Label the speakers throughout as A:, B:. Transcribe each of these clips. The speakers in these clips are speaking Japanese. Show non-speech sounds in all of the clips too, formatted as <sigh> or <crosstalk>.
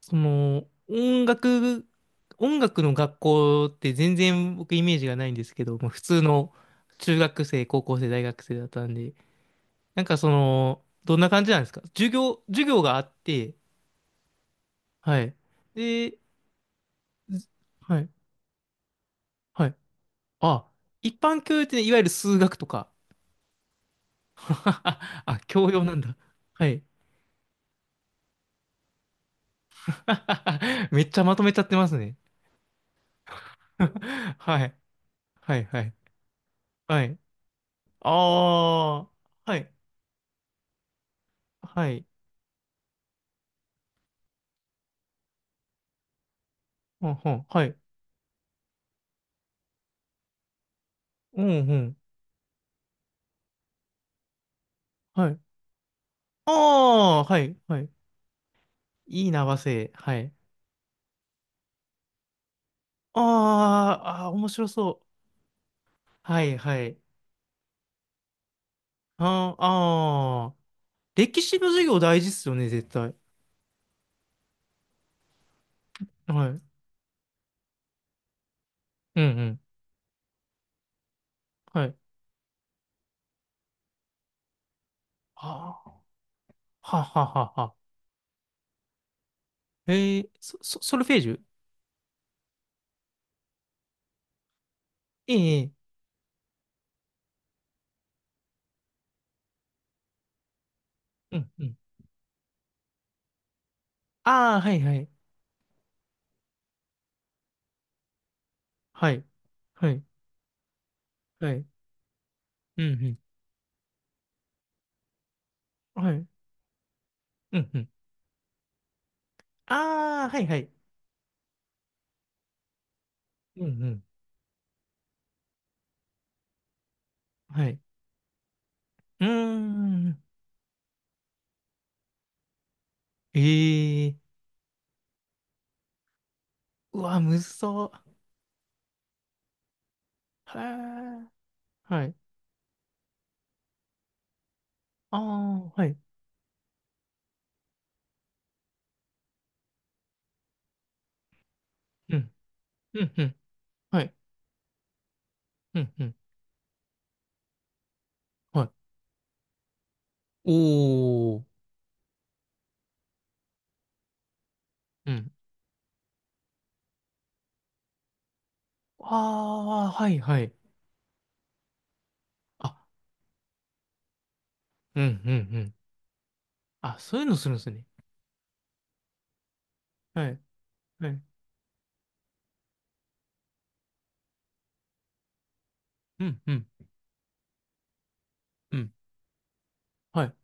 A: その、音楽、音楽の学校って全然僕イメージがないんですけど、まあ、普通の中学生、高校生、大学生だったんで、どんな感じなんですか？授業があって、はい。で、ずはい、はい。あ、一般教養ってね、いわゆる数学とか。<laughs> あ、教養なんだ。はい。<laughs> めっちゃまとめちゃってますね。<laughs> はい。はい、はい。はい。ああ、はい、はい。うんうん。はい。うんうん。はい。ああ、はい。はい。いいな、和製。はい。あーあー、面白そう。はい、はい。あーあー、歴史の授業大事っすよね、絶対。はい。うんうん。はい。あーはははは。えー、ソルフェージュ。ええ、ええ。うんうん。ああ、はい、はい。はい。はい。はい。うんうん。はい。うんうん。ああ、はい、はい。うんうん。はい。うーん。ええ。うわ、むずそう。へえ。はい。ああ、はい。うん。うん、うん。はい。うん、うん。はい。おー。うん。ああ、はい、はい。あ、うん、うん、うん。あ、そういうのするんですね。はい。はい。うん、うん、うん。はい。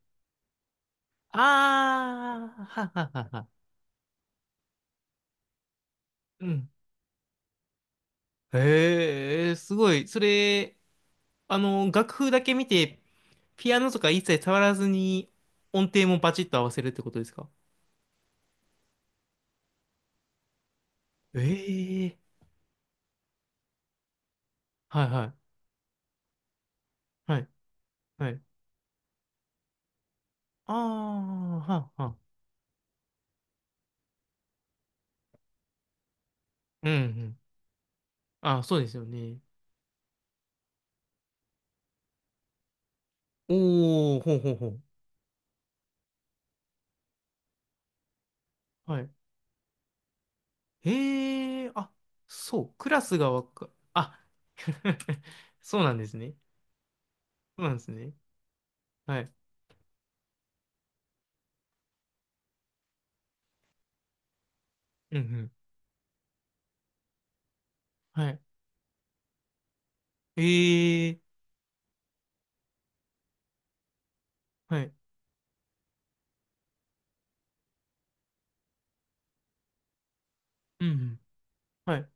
A: ああ、はははは。うん。へえ、すごい。それ、あの、楽譜だけ見て、ピアノとか一切触らずに、音程もバチッと合わせるってことですか？ええ、はいはい。はいはい。ああ、はあ、はあ。うん、うん。あ、そうですよね。おー、ほうほうほう。はい。へえ、あ、そう、クラスがわか、あ、<laughs> そうなんですね。そうなんですね。はい。うん、うん。はい。ええ、はい。うん、うん。はい。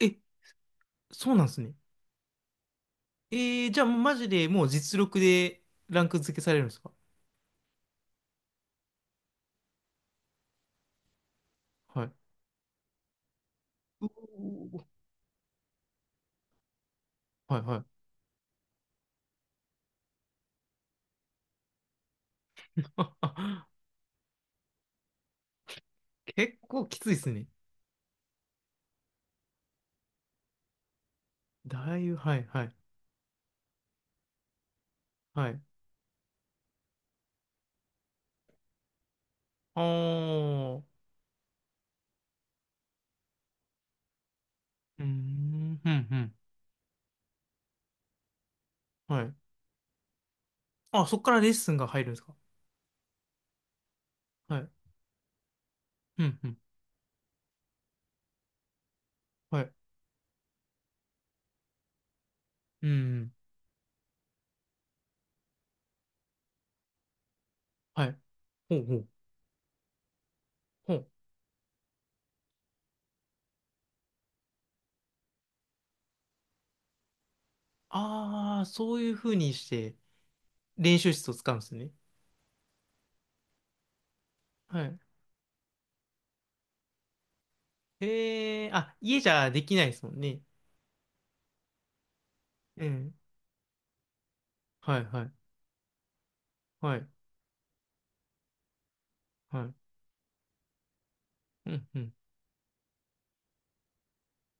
A: え、そうなんですね。ええ、じゃあもうマジでもう実力でランク付けされるんですか？はい。うおー。はい、はい。<laughs> 結構きついですね。だいぶ、はい、はい。はい。あー、うーん、うん、うん、はい。あ、そっからレッスンが入るんですか？はい、うん、うん、はい、うん。はい。ほうほう、ほう。ああ、そういう風にして練習室を使うんですね。はい。ええ、あ、家じゃできないですもんね。うん。はい、はい、はい、はい。うん、うん。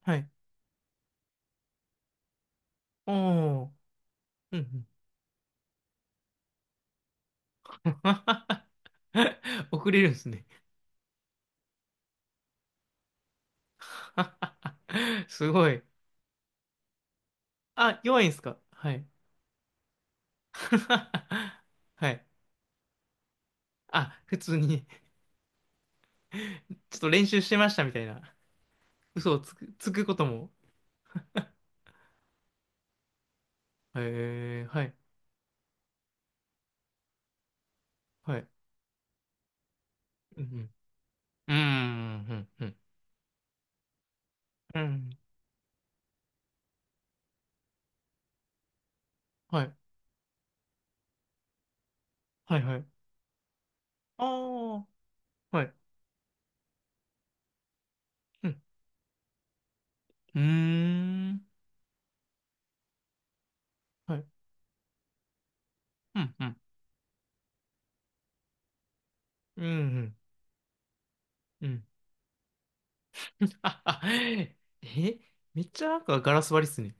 A: はい。おー、うん、うん。<laughs> 遅れるんですね。<laughs> すごい。あ、弱いんですか？はい。<laughs> はい。あ、普通に <laughs> ちょっと練習してましたみたいな、嘘をつく、つくことも。へえ、はい、はい。うん、うん、うん、うん、うん、うん。はい、はい、はい。ああ、はい、うん、うーん、はい、うん、うん、うん、うん。うん。 <laughs> ああえ、めっちゃなんかガラス張りっすね。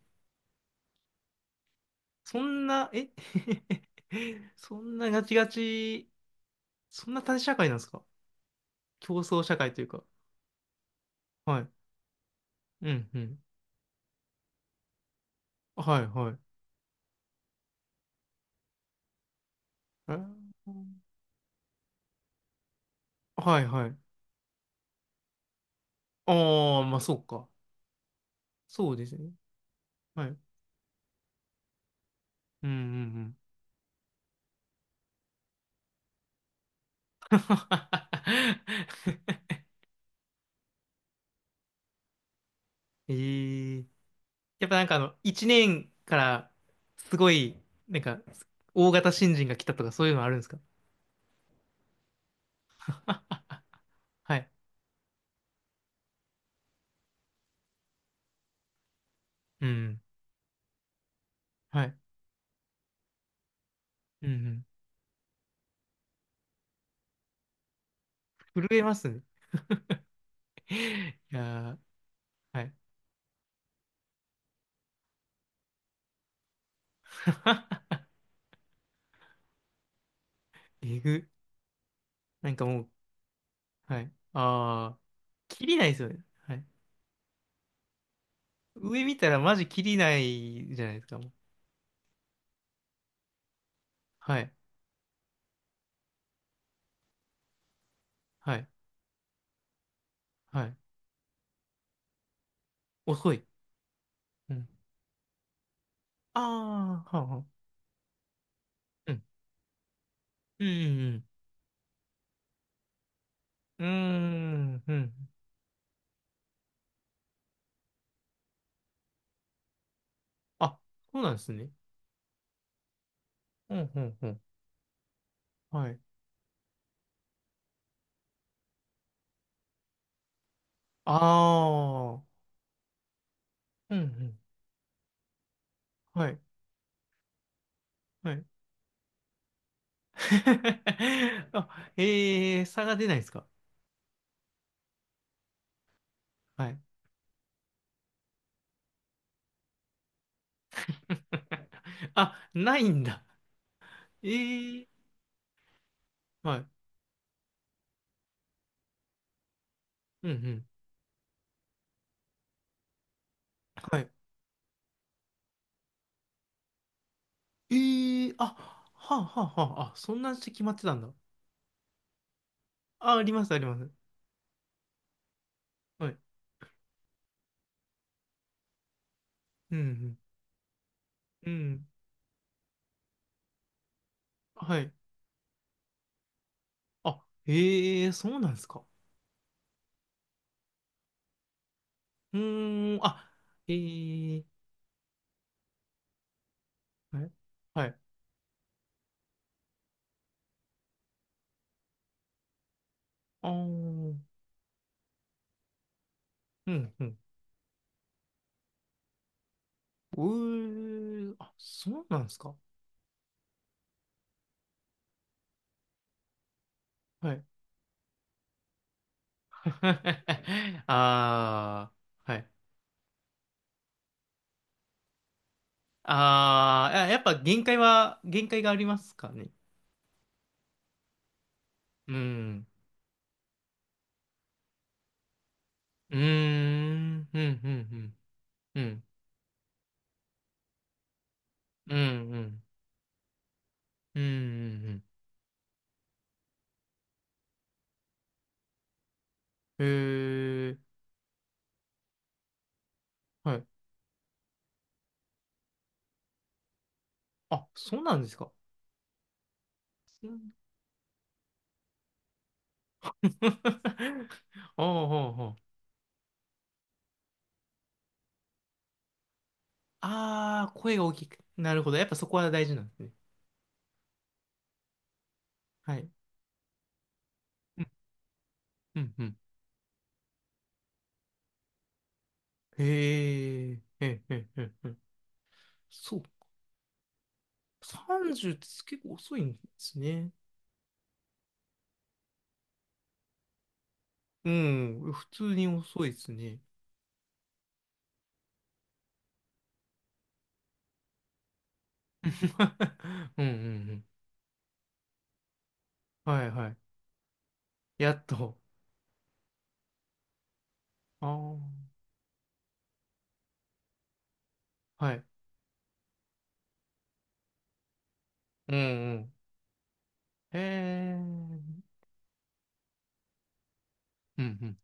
A: そんな、え、 <laughs> そんなガチガチ、そんな縦社会なんですか？競争社会というか。はい。うん、うん。はい、はい。え、はいはい。ああ、まあそうか。そうですね。はい。うんうんうん。<laughs> ええ。やっぱなんかあの、一年からすごい、なんか、大型新人が来たとかそういうのあるんですか？ <laughs> はい。うん。はい。うんうん。震えますね。<laughs> いやー、はい。<laughs> えぐ。なんかもう、はい。ああ、切りないですよね。はい。上見たらマジ切りないじゃないですか、もう。はい。はい。はい。遅い。うん。ああ、はあ、はあ。うん。うん、うん、うん。うーん、うん。あ、そうなんですね。うん、うん、うん。はい。ああ、うん、うん。はい、はい。<laughs> あ、ええー、差が出ないですか？はい。<laughs> あ、ないんだ。ええー。はい。うんうん。はい。ええー、あ、はあはあはあ、あ、そんなして決まってたんだ。あ、あります、あります。はい。うんうん。うん。はい。あ、ええ、そうなんですか。うーん、あ、えええ。はい。ああ、うん、うん。うー、あ、そうなんですか。はい。<laughs> ああ、はい。ああ、や、やっぱ限界がありますかね。うん。うーん、うん、うん、うん。うん、うん、うん、うん、うん。うん。へえ。はい。あ、そうなんですか。うん。 <laughs> ああ、ああ、あ。ああ、声が大きく。なるほど。やっぱそこは大事なんですね。はい。うん、うん、うん。へえ、へえ、へえ、へえ。へー、そうか。30って結構遅いんですね。うん、普通に遅いですね。<laughs> うん、うん、うん。はい、はい。やっと。ああ、はい。うん、うん。へえ、うん、うん、